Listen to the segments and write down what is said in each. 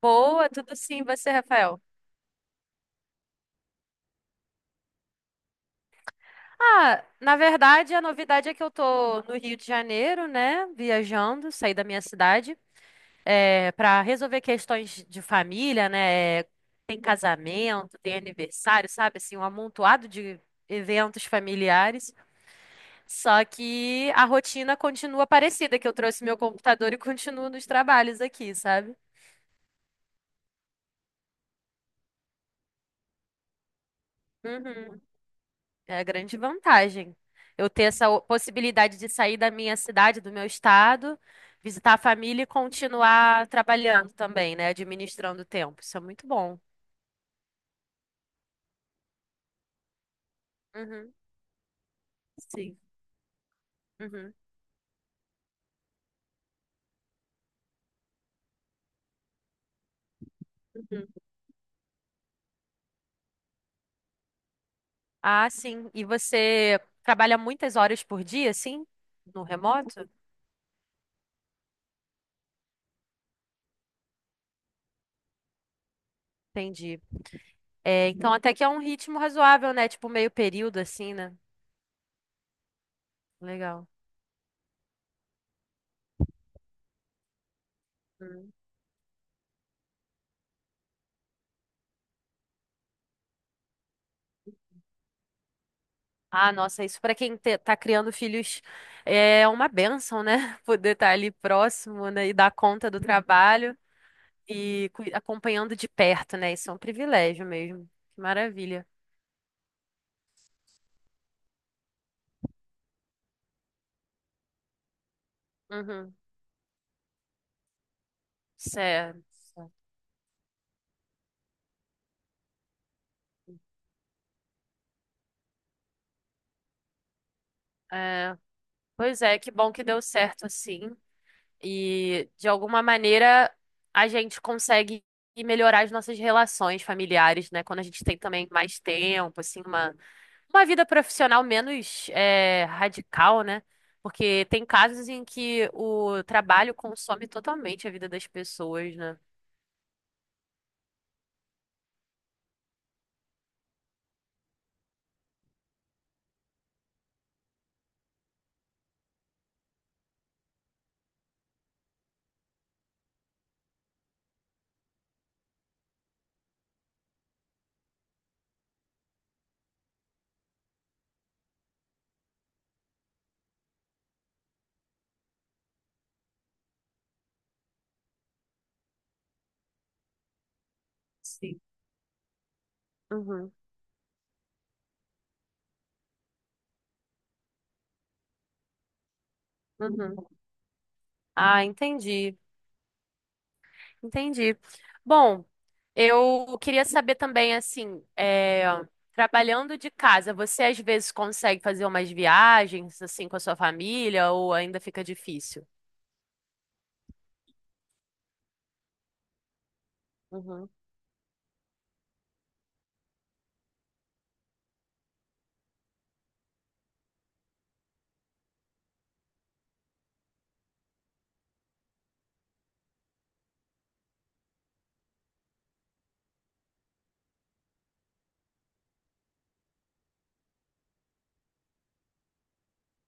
Boa, tudo sim, você, Rafael? Ah, na verdade, a novidade é que eu tô no Rio de Janeiro, né? Viajando, saí da minha cidade, para resolver questões de família, né? Tem casamento, tem aniversário, sabe? Assim, um amontoado de eventos familiares. Só que a rotina continua parecida, que eu trouxe meu computador e continuo nos trabalhos aqui, sabe? Uhum. É a grande vantagem. Eu ter essa possibilidade de sair da minha cidade, do meu estado, visitar a família e continuar trabalhando também, né? Administrando o tempo. Isso é muito bom. Uhum, sim. Uhum, uhum. Ah, sim. E você trabalha muitas horas por dia, sim? No remoto? Entendi. É, então até que é um ritmo razoável, né? Tipo meio período, assim, né? Legal. Ah, nossa, isso para quem tá criando filhos é uma bênção, né? Poder estar ali próximo, né? E dar conta do trabalho e acompanhando de perto, né? Isso é um privilégio mesmo. Que maravilha. Uhum. Certo. É, pois é, que bom que deu certo assim. E de alguma maneira a gente consegue melhorar as nossas relações familiares, né? Quando a gente tem também mais tempo, assim, uma vida profissional menos radical, né? Porque tem casos em que o trabalho consome totalmente a vida das pessoas, né? Sim. Uhum, uhum. Ah, entendi, entendi. Bom, eu queria saber também, assim, trabalhando de casa, você às vezes consegue fazer umas viagens, assim, com a sua família ou ainda fica difícil? Uhum,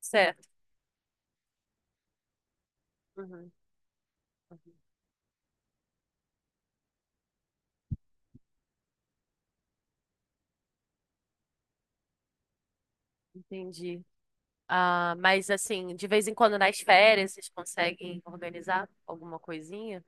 certo. Uhum, uhum. Entendi. Ah, mas assim, de vez em quando nas férias vocês conseguem organizar alguma coisinha?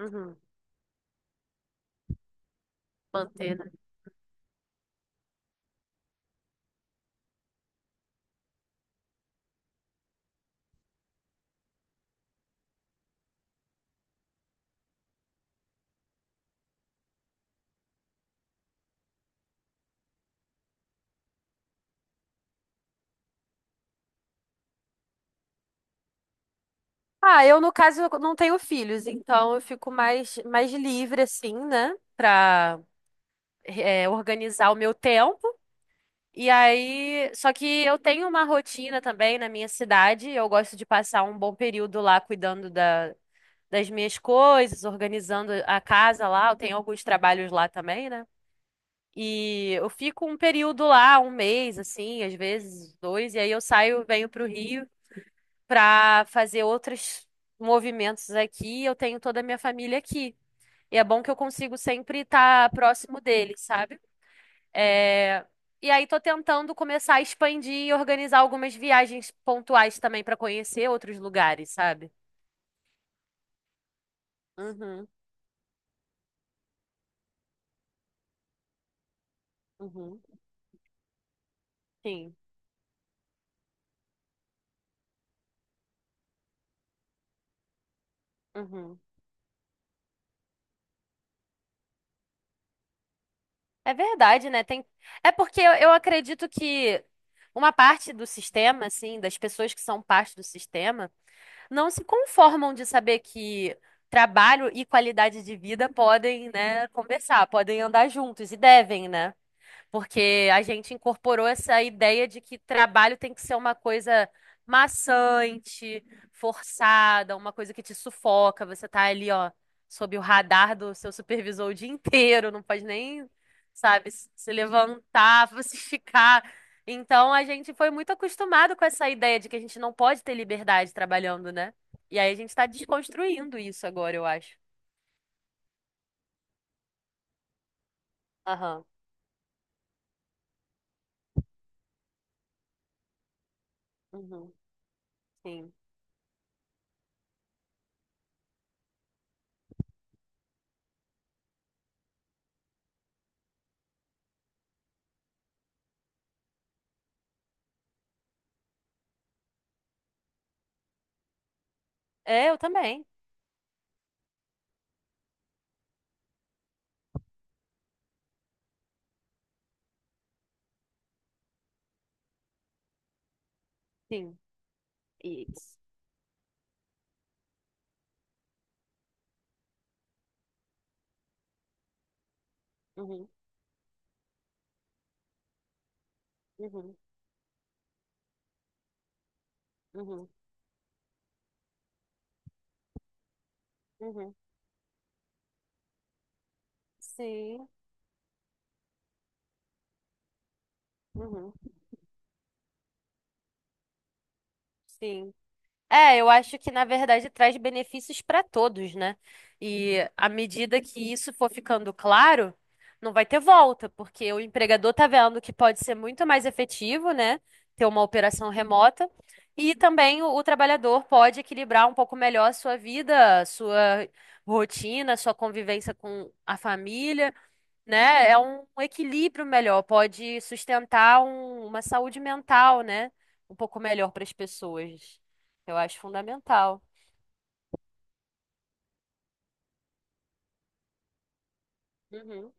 Uhum, manter, né? Ah, eu no caso eu não tenho filhos, então eu fico mais, mais livre assim, né, pra organizar o meu tempo. E aí, só que eu tenho uma rotina também na minha cidade, eu gosto de passar um bom período lá cuidando da, das minhas coisas, organizando a casa lá, eu tenho alguns trabalhos lá também, né? E eu fico um período lá, um mês, assim, às vezes dois, e aí eu saio, venho para o Rio para fazer outros movimentos aqui. Eu tenho toda a minha família aqui. E é bom que eu consigo sempre estar próximo deles, sabe? É, e aí tô tentando começar a expandir e organizar algumas viagens pontuais também para conhecer outros lugares, sabe? Uhum, uhum, sim. Uhum. É verdade, né? Tem... É porque eu acredito que uma parte do sistema, assim, das pessoas que são parte do sistema, não se conformam de saber que trabalho e qualidade de vida podem, né, conversar, podem andar juntos e devem, né? Porque a gente incorporou essa ideia de que trabalho tem que ser uma coisa maçante, forçada, uma coisa que te sufoca. Você tá ali, ó, sob o radar do seu supervisor o dia inteiro, não pode nem, sabe, se levantar, se esticar. Então a gente foi muito acostumado com essa ideia de que a gente não pode ter liberdade trabalhando, né? E aí a gente tá desconstruindo isso agora, eu acho. Aham. Uhum. Sim. É, eu também. Sim. Isso. Uhum. Uhum, uhum, uhum. Sim, uhum, sim. É, eu acho que na verdade traz benefícios para todos, né? E à medida que isso for ficando claro, não vai ter volta, porque o empregador tá vendo que pode ser muito mais efetivo, né? Ter uma operação remota. E também o trabalhador pode equilibrar um pouco melhor a sua vida, a sua rotina, a sua convivência com a família, né? É um equilíbrio melhor, pode sustentar uma saúde mental, né? Um pouco melhor para as pessoas. Eu acho fundamental. Uhum,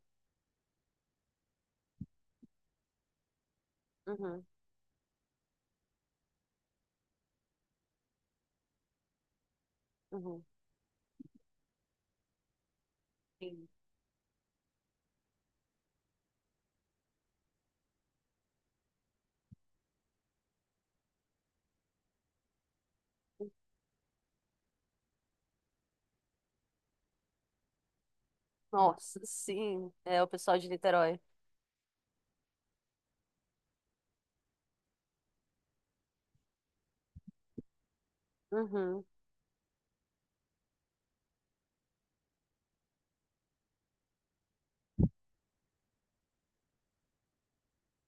uhum, uhum. Sim. Nossa, sim, é o pessoal de Niterói. Uhum.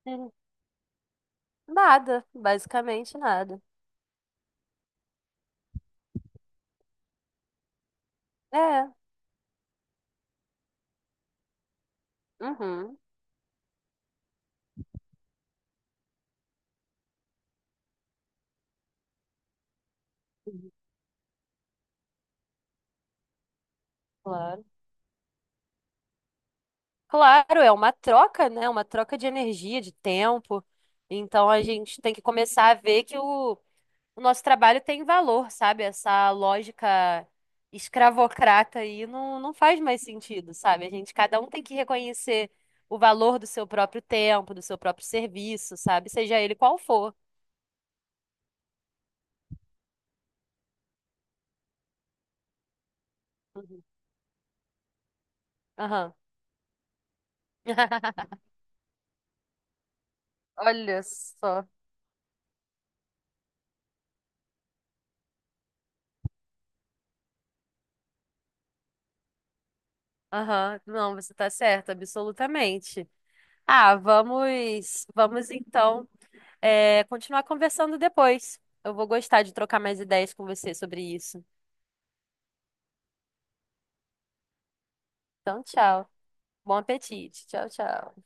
Uhum. Nada, basicamente nada. É, uhum, uhum, claro. Claro, é uma troca, né? Uma troca de energia, de tempo. Então a gente tem que começar a ver que o nosso trabalho tem valor, sabe? Essa lógica escravocrata aí não, não faz mais sentido, sabe? A gente, cada um tem que reconhecer o valor do seu próprio tempo, do seu próprio serviço, sabe? Seja ele qual for. Uhum. Aham. Olha só. Aham. Não, você tá certa, absolutamente. Ah, vamos então continuar conversando depois. Eu vou gostar de trocar mais ideias com você sobre isso. Então, tchau. Bom apetite. Tchau, tchau.